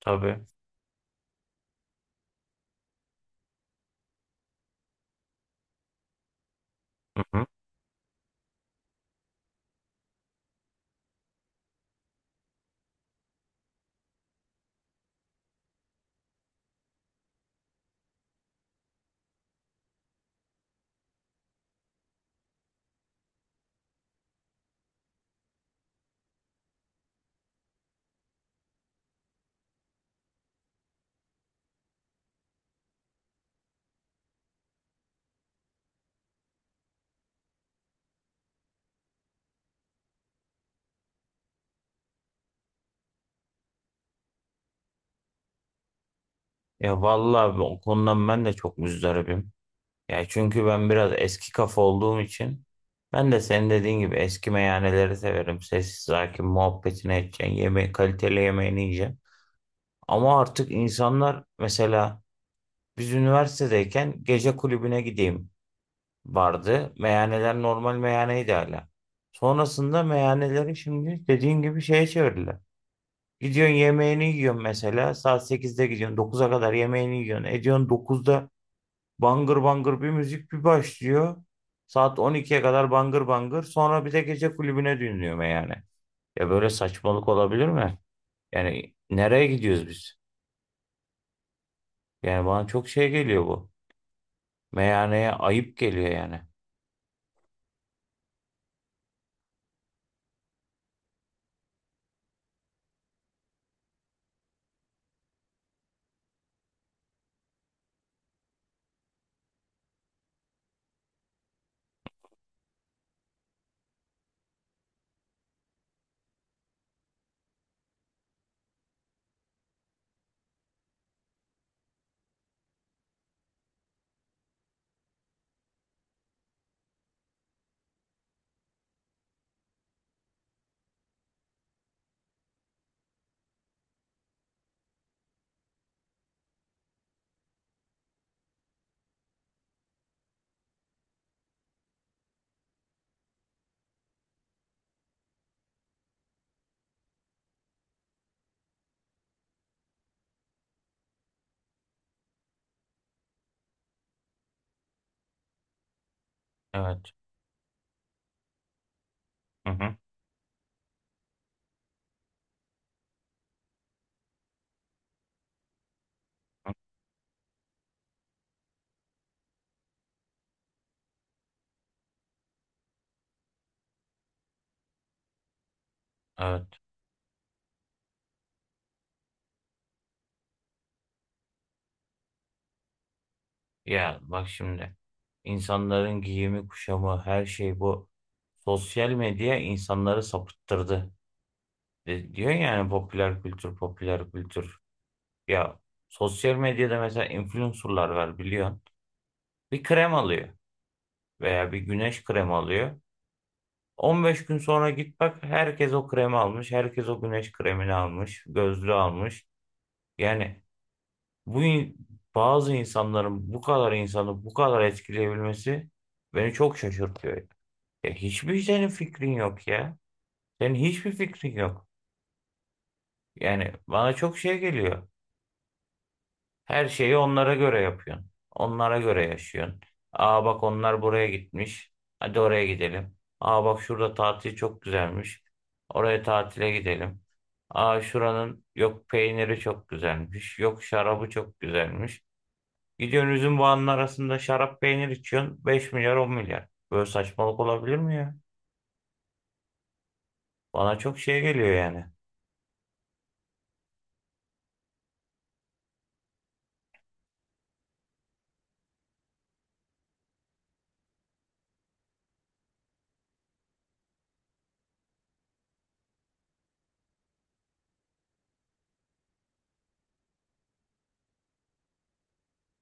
Tabii. Hı hı. Ya vallahi o konudan ben de çok muzdaribim. Ya çünkü ben biraz eski kafa olduğum için ben de senin dediğin gibi eski meyhaneleri severim. Sessiz sakin muhabbetini edeceksin. Yemeği, kaliteli yemeğini yiyeceksin. Ama artık insanlar mesela biz üniversitedeyken gece kulübüne gideyim vardı. Meyhaneler normal meyhaneydi hala. Sonrasında meyhaneleri şimdi dediğin gibi şeye çevirdiler. Gidiyorsun yemeğini yiyorsun mesela. Saat 8'de gidiyorsun. Dokuza kadar yemeğini yiyorsun. Ediyorsun 9'da bangır bangır bir müzik bir başlıyor. Saat 12'ye kadar bangır bangır. Sonra bir de gece kulübüne dönüyorum yani. Ya böyle saçmalık olabilir mi? Yani nereye gidiyoruz biz? Yani bana çok şey geliyor bu. Meyhaneye ayıp geliyor yani. Evet. Hı hı. Evet. Ya bak şimdi. İnsanların giyimi, kuşamı, her şey bu. Sosyal medya insanları sapıttırdı. Diyor yani popüler kültür, popüler kültür. Ya sosyal medyada mesela influencerlar var biliyorsun. Bir krem alıyor veya bir güneş kremi alıyor. On beş gün sonra git bak herkes o kremi almış, herkes o güneş kremini almış, gözlüğü almış. Yani bu in- bazı insanların bu kadar insanı bu kadar etkileyebilmesi beni çok şaşırtıyor. Ya hiçbir senin fikrin yok ya. Senin hiçbir fikrin yok. Yani bana çok şey geliyor. Her şeyi onlara göre yapıyorsun. Onlara göre yaşıyorsun. Aa bak onlar buraya gitmiş. Hadi oraya gidelim. Aa bak şurada tatil çok güzelmiş. Oraya tatile gidelim. Aa şuranın yok peyniri çok güzelmiş. Yok şarabı çok güzelmiş. Gidiyorsun üzüm bağının arasında şarap peynir içiyorsun. Beş milyar, 10 milyar. Böyle saçmalık olabilir mi ya? Bana çok şey geliyor yani.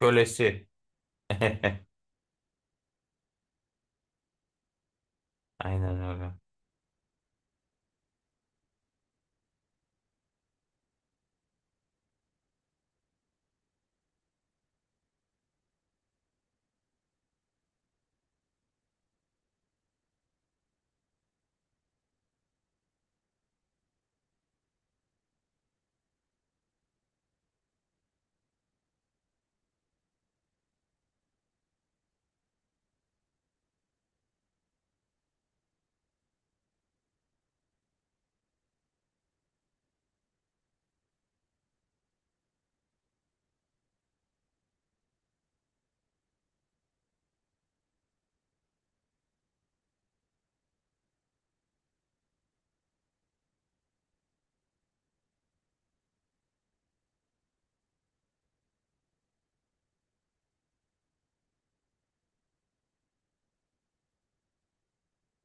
Kölesi. Aynen öyle.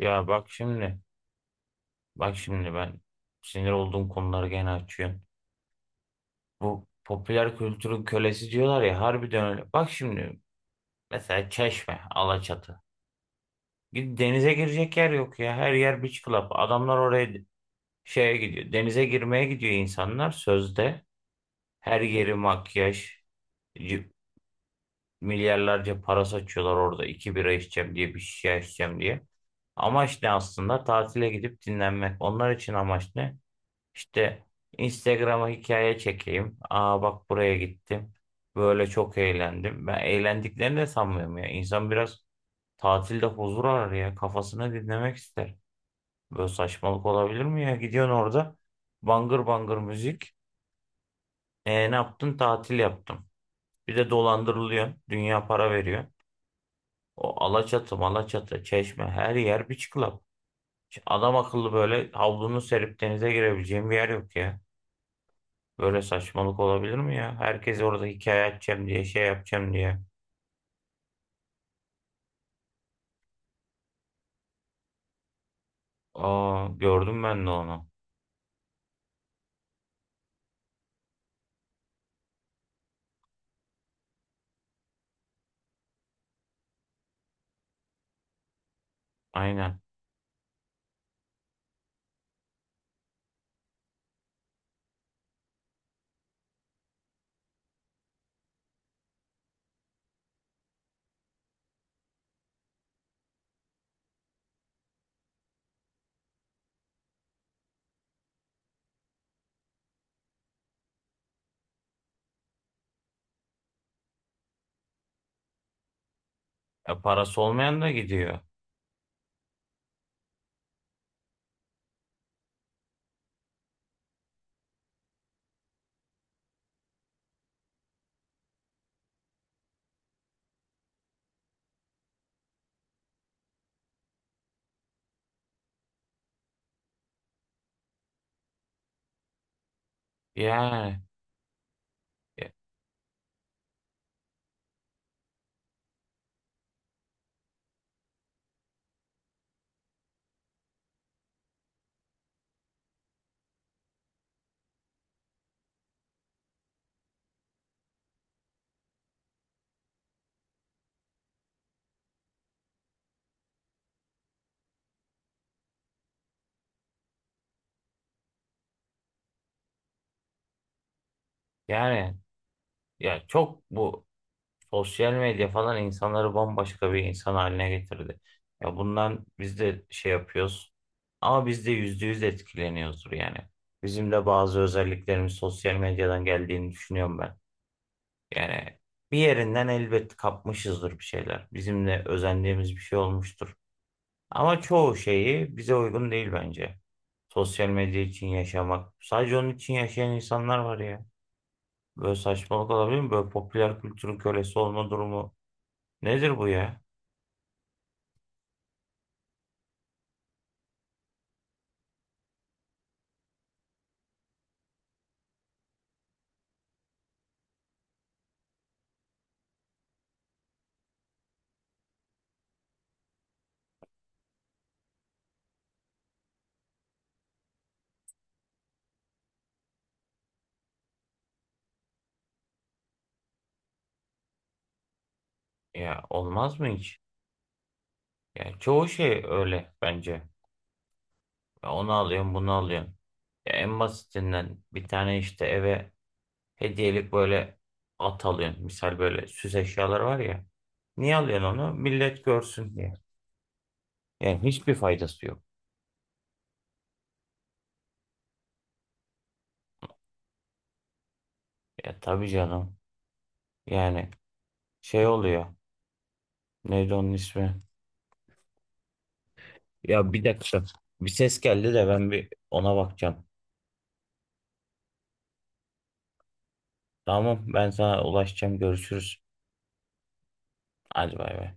Ya bak şimdi. Bak şimdi ben sinir olduğum konuları gene açıyorsun. Bu popüler kültürün kölesi diyorlar ya harbiden öyle. Bak şimdi mesela Çeşme, Alaçatı. Denize girecek yer yok ya. Her yer beach club. Adamlar oraya şeye gidiyor. Denize girmeye gidiyor insanlar sözde. Her yeri makyaj. c- Milyarlarca para saçıyorlar orada. İki bira içeceğim diye bir şişe içeceğim diye. Amaç ne aslında? Tatile gidip dinlenmek. Onlar için amaç ne? İşte Instagram'a hikaye çekeyim. Aa bak buraya gittim. Böyle çok eğlendim. Ben eğlendiklerini de sanmıyorum ya. İnsan biraz tatilde huzur arar ya. Kafasını dinlemek ister. Böyle saçmalık olabilir mi ya? Gidiyorsun orada bangır bangır müzik. E, ne yaptın? Tatil yaptım. Bir de dolandırılıyorsun. Dünya para veriyor. O Alaçatı, Malaçatı, Çeşme her yer beach club. Adam akıllı böyle havlunu serip denize girebileceğim bir yer yok ya. Böyle saçmalık olabilir mi ya? Herkes orada hikaye açacağım diye şey yapacağım diye. Aa gördüm ben de onu. Aynen. E, parası olmayan da gidiyor. Yani yani ya çok bu sosyal medya falan insanları bambaşka bir insan haline getirdi. Ya bundan biz de şey yapıyoruz. Ama biz de %100 etkileniyoruzdur yani. Bizim de bazı özelliklerimiz sosyal medyadan geldiğini düşünüyorum ben. Yani bir yerinden elbet kapmışızdır bir şeyler. Bizim de özendiğimiz bir şey olmuştur. Ama çoğu şeyi bize uygun değil bence. Sosyal medya için yaşamak. Sadece onun için yaşayan insanlar var ya. Böyle saçmalık olabilir mi? Böyle popüler kültürün kölesi olma durumu. Nedir bu ya? Ya olmaz mı hiç? Ya çoğu şey öyle bence. Ya onu alıyorsun, bunu alıyorsun. Ya en basitinden bir tane işte eve hediyelik böyle at alıyorsun. Misal böyle süs eşyaları var ya. Niye alıyorsun onu? Millet görsün diye. Yani hiçbir faydası yok. Ya tabii canım. Yani şey oluyor. Neydi onun ismi? Ya bir dakika. Bir ses geldi de ben bir ona bakacağım. Tamam ben sana ulaşacağım. Görüşürüz. Hadi bay bay.